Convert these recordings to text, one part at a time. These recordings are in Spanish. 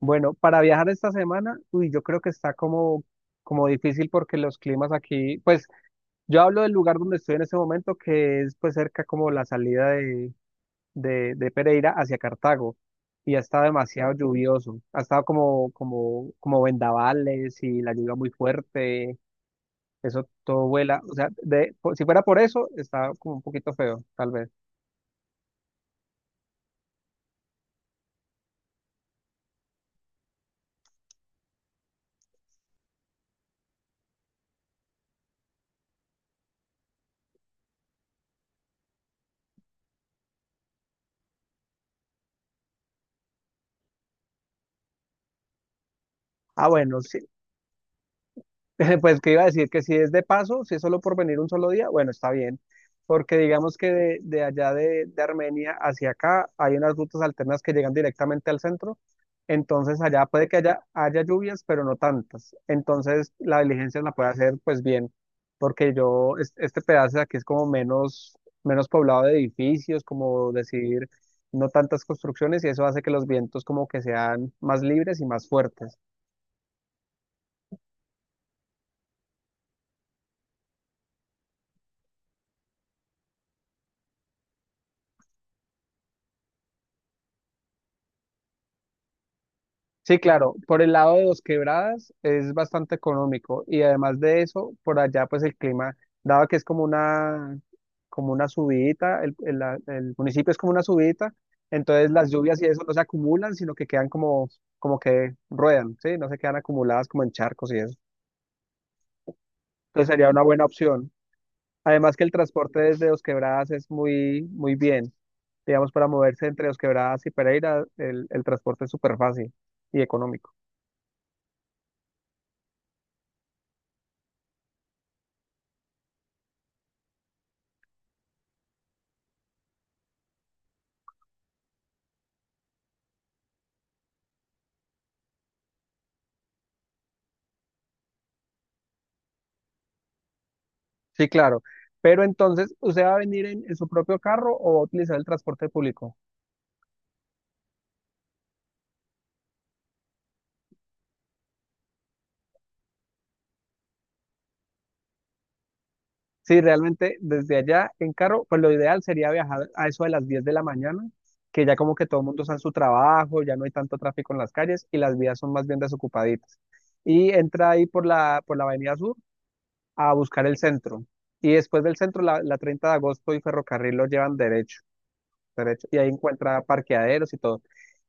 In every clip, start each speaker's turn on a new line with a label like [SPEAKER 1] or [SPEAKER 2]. [SPEAKER 1] Bueno, para viajar esta semana, uy, yo creo que está como difícil porque los climas aquí, pues yo hablo del lugar donde estoy en este momento, que es pues cerca como la salida de Pereira hacia Cartago, y ha estado demasiado lluvioso, ha estado como vendavales y la lluvia muy fuerte, eso todo vuela, o sea, si fuera por eso, está como un poquito feo, tal vez. Ah, bueno, sí. Pues que iba a decir que si es de paso, si es solo por venir un solo día, bueno, está bien, porque digamos que de Armenia hacia acá hay unas rutas alternas que llegan directamente al centro, entonces allá puede que haya lluvias, pero no tantas, entonces la diligencia la puede hacer pues bien, porque yo, este pedazo de aquí es como menos poblado de edificios, como decir, no tantas construcciones y eso hace que los vientos como que sean más libres y más fuertes. Sí, claro, por el lado de Dos Quebradas es bastante económico y además de eso, por allá pues el clima, dado que es como una subidita, el municipio es como una subidita, entonces las lluvias y eso no se acumulan, sino que quedan como que ruedan, ¿sí? No se quedan acumuladas como en charcos y eso. Entonces sería una buena opción. Además que el transporte desde Dos Quebradas es muy, muy bien. Digamos, para moverse entre Dos Quebradas y Pereira, el transporte es súper fácil y económico. Sí, claro. Pero entonces, ¿usted va a venir en su propio carro o va a utilizar el transporte público? Sí, realmente desde allá en carro, pues lo ideal sería viajar a eso de las 10 de la mañana, que ya como que todo el mundo está en su trabajo, ya no hay tanto tráfico en las calles y las vías son más bien desocupaditas. Y entra ahí por la Avenida Sur a buscar el centro. Y después del centro, la 30 de agosto y ferrocarril lo llevan derecho, y ahí encuentra parqueaderos y todo.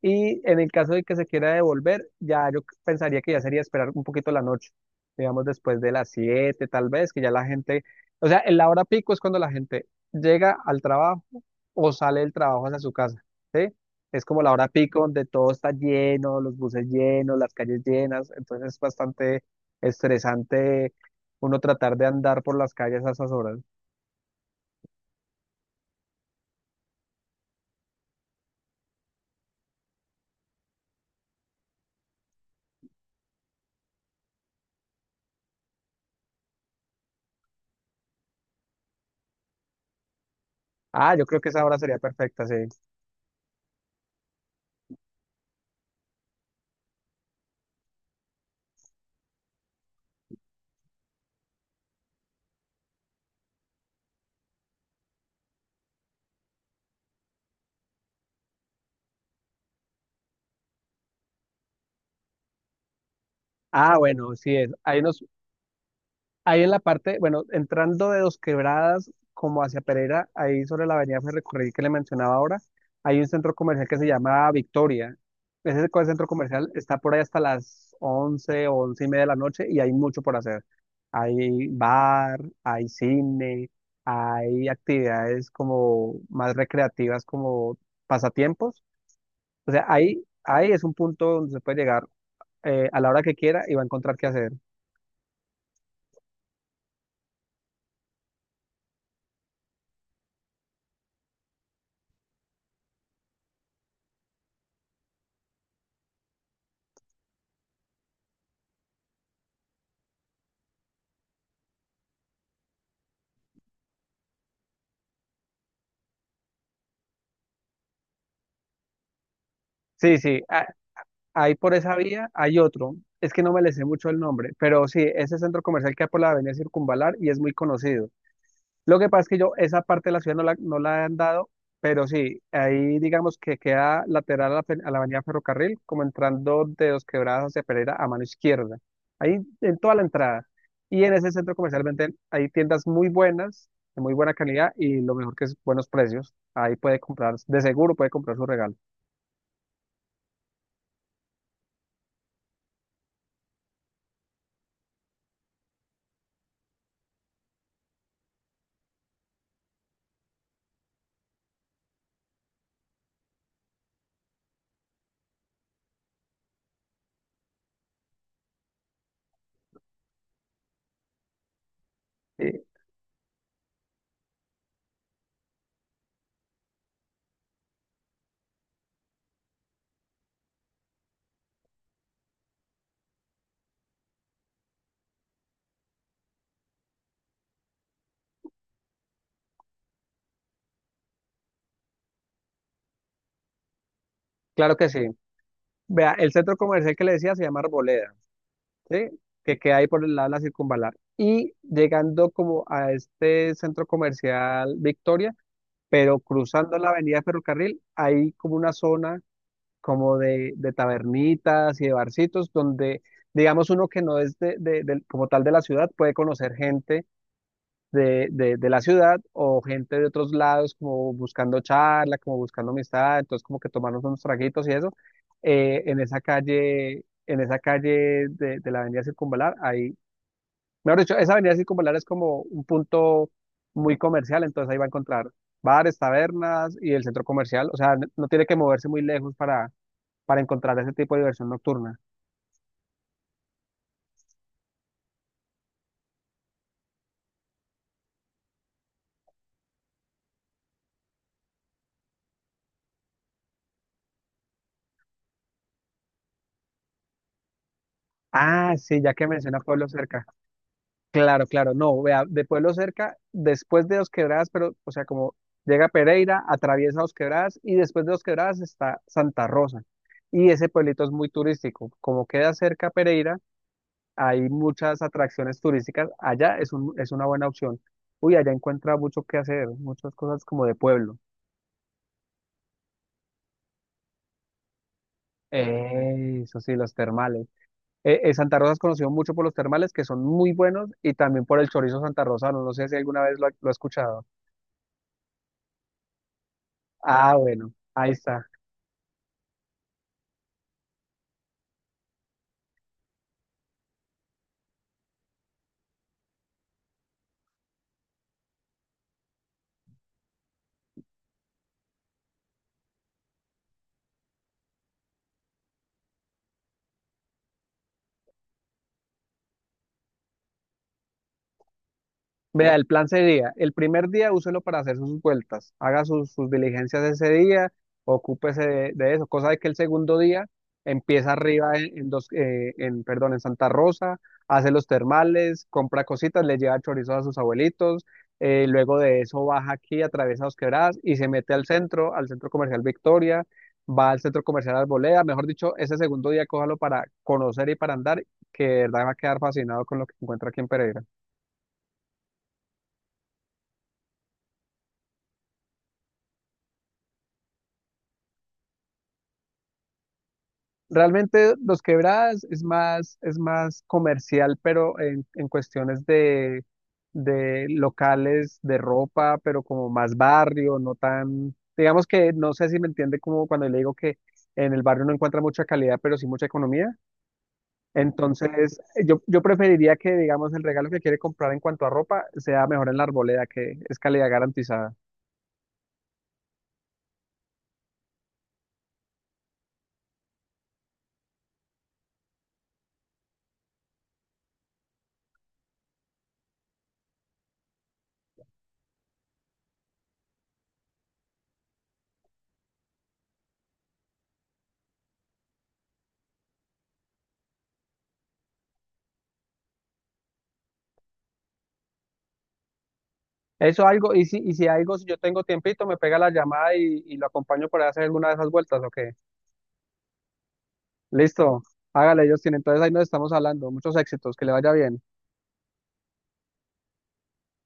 [SPEAKER 1] Y en el caso de que se quiera devolver, ya yo pensaría que ya sería esperar un poquito la noche, digamos después de las 7 tal vez, que ya la gente, o sea, en la hora pico es cuando la gente llega al trabajo o sale del trabajo hacia su casa, ¿sí? Es como la hora pico donde todo está lleno, los buses llenos, las calles llenas, entonces es bastante estresante uno tratar de andar por las calles a esas horas. Ah, yo creo que esa hora sería perfecta, sí. Ah, bueno, sí es. Ahí en la parte, bueno, entrando de Dos Quebradas como hacia Pereira, ahí sobre la avenida Ferrocarril que le mencionaba ahora, hay un centro comercial que se llama Victoria. Ese centro comercial está por ahí hasta las 11 o 11:30 de la noche y hay mucho por hacer. Hay bar, hay cine, hay actividades como más recreativas como pasatiempos. O sea, ahí es un punto donde se puede llegar a la hora que quiera y va a encontrar qué hacer. Sí, sí, ahí por esa vía hay otro, es que no me le sé mucho el nombre, pero sí, ese centro comercial que hay por la avenida Circunvalar y es muy conocido. Lo que pasa es que yo esa parte de la ciudad no la han dado, pero sí, ahí digamos que queda lateral a la avenida Ferrocarril, como entrando de Dos Quebradas hacia Pereira a mano izquierda, ahí en toda la entrada. Y en ese centro comercial venden, hay tiendas muy buenas, de muy buena calidad y lo mejor que es buenos precios. Ahí puede comprar, de seguro puede comprar su regalo. Sí, claro que sí. Vea, el centro comercial que le decía se llama Arboleda, ¿sí? Que queda ahí por el lado de la circunvalar. Y llegando como a este centro comercial Victoria, pero cruzando la avenida Ferrocarril, hay como una zona como de tabernitas y de barcitos donde, digamos, uno que no es como tal de la ciudad puede conocer gente de la ciudad o gente de otros lados como buscando charla, como buscando amistad, entonces como que tomarnos unos traguitos y eso, en esa calle, en esa calle de la avenida Circunvalar, ahí, mejor dicho, esa avenida Circunvalar es como un punto muy comercial, entonces ahí va a encontrar bares, tabernas y el centro comercial, o sea, no tiene que moverse muy lejos para encontrar ese tipo de diversión nocturna. Ah, sí, ya que menciona pueblos cercanos. Claro, claro, no, vea, de Pueblo Cerca, después de Dos Quebradas, pero, o sea, como llega Pereira, atraviesa Dos Quebradas y después de Dos Quebradas está Santa Rosa. Y ese pueblito es muy turístico. Como queda cerca Pereira, hay muchas atracciones turísticas. Allá es una buena opción. Uy, allá encuentra mucho que hacer, muchas cosas como de pueblo. Eso sí, los termales. Santa Rosa es conocido mucho por los termales, que son muy buenos, y también por el chorizo santarrosano. No sé si alguna vez lo ha escuchado. Ah, bueno, ahí está. Vea, el plan sería, el primer día úselo para hacer sus vueltas, haga sus diligencias ese día, ocúpese de eso, cosa de que el segundo día empieza arriba en, perdón, en Santa Rosa, hace los termales, compra cositas, le lleva chorizos a sus abuelitos, luego de eso baja aquí, atraviesa Dos Quebradas y se mete al centro comercial Victoria, va al centro comercial Arboleda, mejor dicho, ese segundo día cójalo para conocer y para andar, que de verdad va a quedar fascinado con lo que encuentra aquí en Pereira. Realmente Los Quebradas es más, comercial, pero en cuestiones de locales de ropa, pero como más barrio, no tan, digamos que no sé si me entiende como cuando le digo que en el barrio no encuentra mucha calidad, pero sí mucha economía. Entonces, yo preferiría que, digamos, el regalo que quiere comprar en cuanto a ropa sea mejor en la arboleda, que es calidad garantizada. Eso algo, y si, algo, si yo tengo tiempito, me pega la llamada y lo acompaño para hacer alguna de esas vueltas, ¿ok? Listo, hágale, Justin. Entonces ahí nos estamos hablando. Muchos éxitos, que le vaya bien.